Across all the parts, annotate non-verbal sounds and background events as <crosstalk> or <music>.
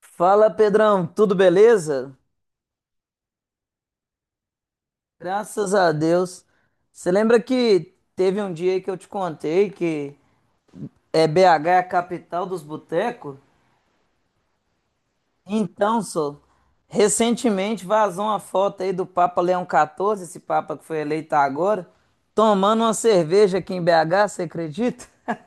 Fala, Pedrão, tudo beleza? Graças a Deus. Você lembra que teve um dia aí que eu te contei que é BH é a capital dos botecos? Então, só recentemente vazou uma foto aí do Papa Leão XIV, esse Papa que foi eleito agora, tomando uma cerveja aqui em BH, você acredita? <laughs>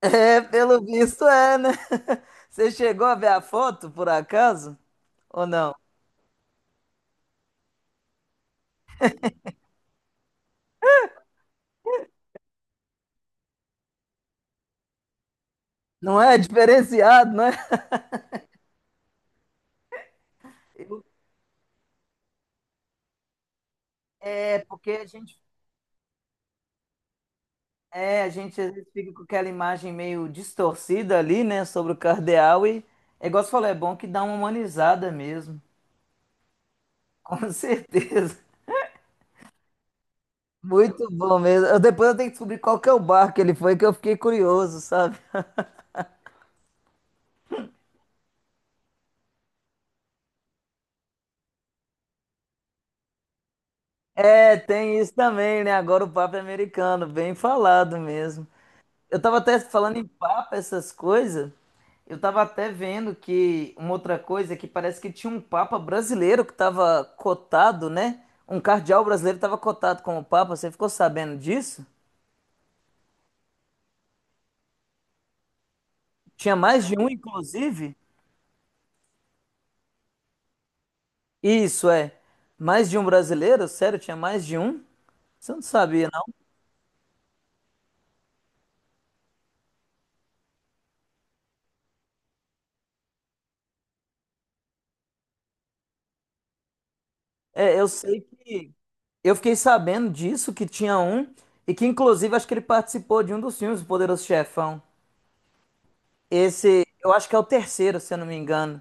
É, pelo visto é, né? <laughs> Você chegou a ver a foto, por acaso? Ou não? Não é diferenciado, né? Eu- É, porque a gente às vezes fica com aquela imagem meio distorcida ali, né, sobre o cardeal e, é igual você falou, é bom que dá uma humanizada mesmo, <laughs> com certeza. Muito bom mesmo. Depois eu tenho que descobrir qual que é o bar que ele foi, que eu fiquei curioso, sabe? É, tem isso também, né? Agora o papo é americano, bem falado mesmo. Eu tava até falando em papo, essas coisas. Eu tava até vendo que uma outra coisa é que parece que tinha um papa brasileiro que tava cotado, né? Um cardeal brasileiro tava cotado como papa. Você ficou sabendo disso? Tinha mais de um, inclusive? Isso é. Mais de um brasileiro? Sério, tinha mais de um? Você não sabia, não? É, eu sei que eu fiquei sabendo disso que tinha um e que inclusive acho que ele participou de um dos filmes do Poderoso Chefão. Esse, eu acho que é o terceiro, se eu não me engano.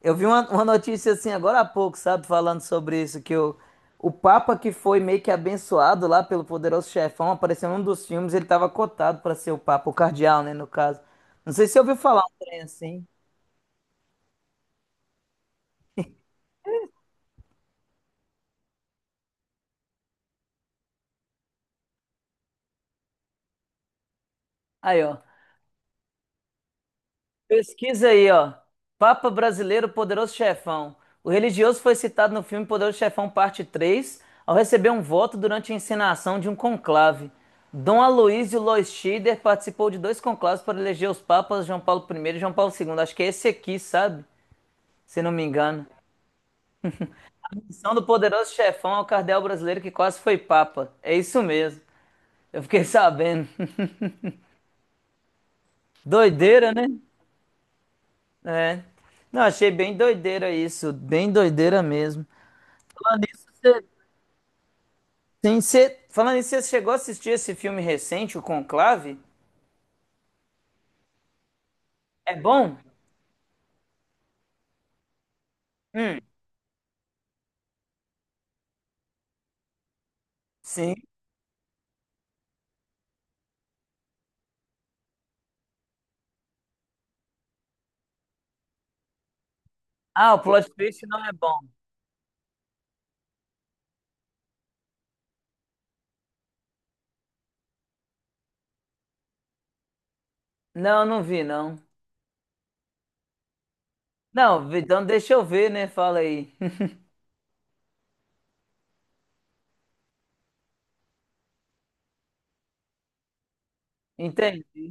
Eu vi uma notícia assim agora há pouco, sabe, falando sobre isso, que o Papa que foi meio que abençoado lá pelo poderoso chefão, apareceu num dos filmes, ele tava cotado para ser o Papa, o cardeal, né, no caso. Não sei se você ouviu falar um trem assim. Aí, ó. Pesquisa aí, ó. Papa brasileiro, poderoso chefão. O religioso foi citado no filme Poderoso Chefão Parte 3, ao receber um voto durante a encenação de um conclave. Dom Aloysio Lois Schieder participou de dois conclaves para eleger os papas João Paulo I e João Paulo II. Acho que é esse aqui, sabe? Se não me engano. Missão do poderoso chefão ao cardeal brasileiro que quase foi papa. É isso mesmo. Eu fiquei sabendo. <laughs> Doideira, né? É. Não, achei bem doideira isso. Bem doideira mesmo. Falando nisso, Sim, você chegou a assistir esse filme recente, o Conclave? É bom? Hum, sim. Ah, o plot twist não é bom. Não, não vi, não. Não, então deixa eu ver, né? Fala aí. <laughs> Entende?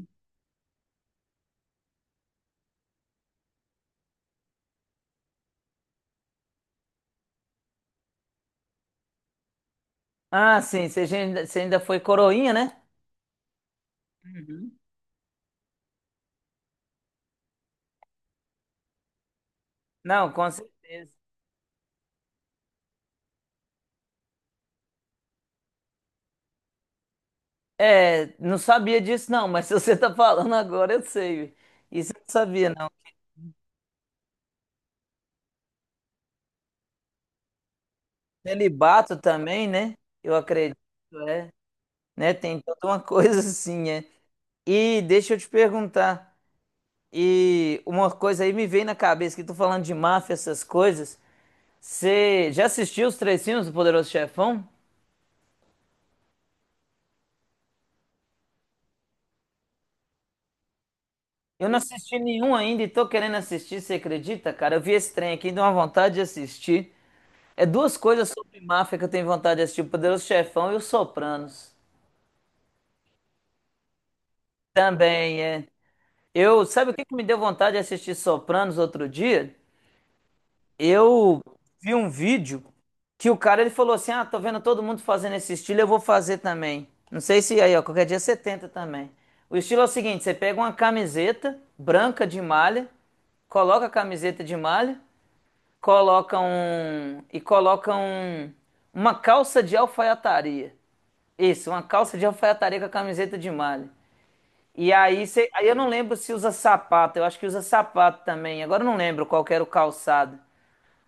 Ah, sim, você ainda foi coroinha, né? Uhum. Não, com certeza. É, não sabia disso, não, mas <laughs> se você tá falando agora, eu sei. Isso eu não sabia, não. Celibato também, né? Eu acredito, é. Né? Tem toda uma <laughs> coisa assim, é. E deixa eu te perguntar. E uma coisa aí me veio na cabeça, que tô falando de máfia, essas coisas. Você já assistiu os três filmes do Poderoso Chefão? Eu não assisti nenhum ainda e tô querendo assistir, você acredita, cara? Eu vi esse trem aqui, e deu uma vontade de assistir. É duas coisas sobre máfia que eu tenho vontade de assistir, o Poderoso Chefão e os Sopranos. Também, é. Sabe o que que me deu vontade de assistir Sopranos outro dia? Eu vi um vídeo que o cara ele falou assim: "Ah, tô vendo todo mundo fazendo esse estilo, eu vou fazer também". Não sei se aí, ó, qualquer dia você tenta também. O estilo é o seguinte, você pega uma camiseta branca de malha, coloca a camiseta de malha, coloca um e coloca um uma calça de alfaiataria. Isso, uma calça de alfaiataria com a camiseta de malha. E aí, eu não lembro se usa sapato, eu acho que usa sapato também. Agora eu não lembro qual que era o calçado.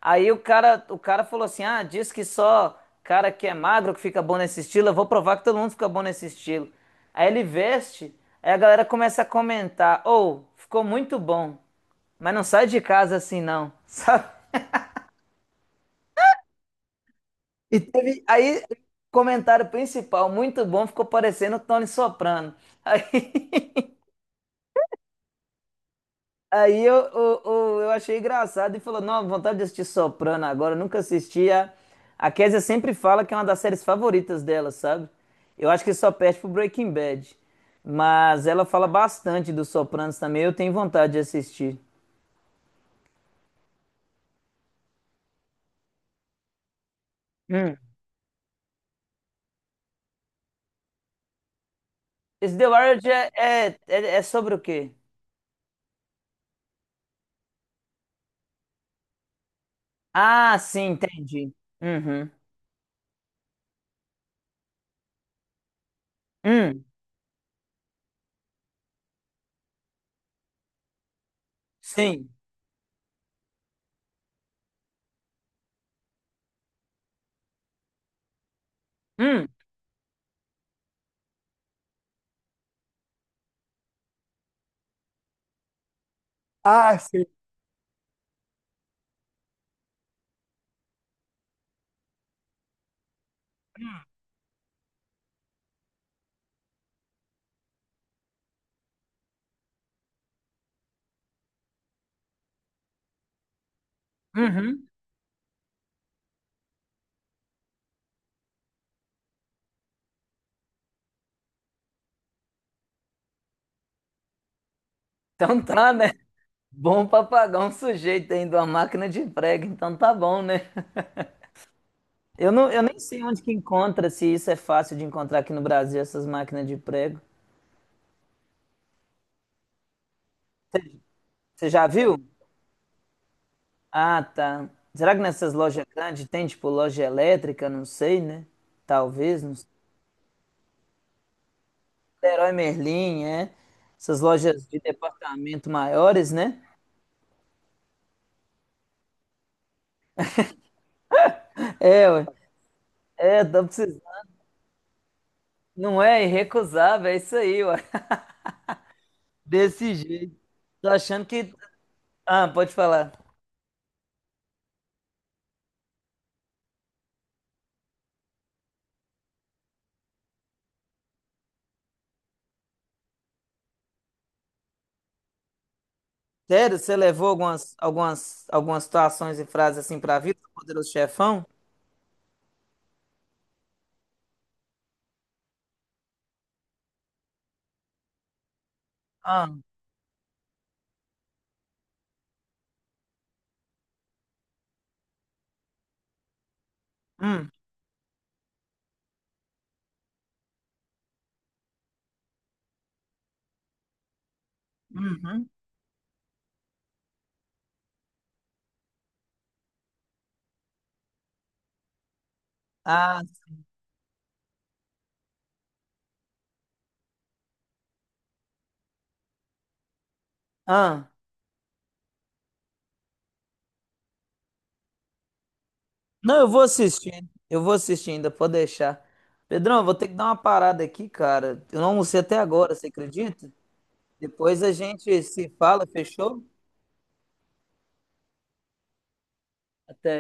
Aí o cara falou assim: "Ah, diz que só cara que é magro que fica bom nesse estilo, eu vou provar que todo mundo fica bom nesse estilo". Aí ele veste, aí a galera começa a comentar: "Ou, ficou muito bom, mas não sai de casa assim não". <laughs> Sabe? E teve aí comentário principal, muito bom, ficou parecendo o Tony Soprano. <laughs> Aí Aí eu achei engraçado e falou: Não, vontade de assistir Soprano agora, eu nunca assisti. A Kézia sempre fala que é uma das séries favoritas dela, sabe? Eu acho que só perde pro Breaking Bad. Mas ela fala bastante dos Sopranos também, eu tenho vontade de assistir. Hum. Esse The Wire já é sobre o quê? Ah, sim, entendi. Uhum. Hum, sim. Hum, Ah, sim. Uhum. Então tá, né? Bom papagão sujeito ainda, uma máquina de prego, então tá bom, né? Eu nem sei onde que encontra, se isso é fácil de encontrar aqui no Brasil, essas máquinas de prego. Você já viu? Ah, tá. Será que nessas lojas grandes tem, tipo, loja elétrica? Não sei, né? Talvez, não sei. Leroy Merlin, é. Essas lojas de departamento maiores, né? É, ué. É, tá precisando. Não é irrecusável, é isso aí, ué. Desse jeito. Tô achando que. Ah, pode falar. Sério, você levou algumas situações e frases assim pra vida, do poderoso chefão? Ah. Hum, uhum. Ah, ah. Não, eu vou assistir. Eu vou assistir ainda, pode deixar. Pedrão, eu vou ter que dar uma parada aqui, cara. Eu não almocei até agora, você acredita? Depois a gente se fala, fechou? Até.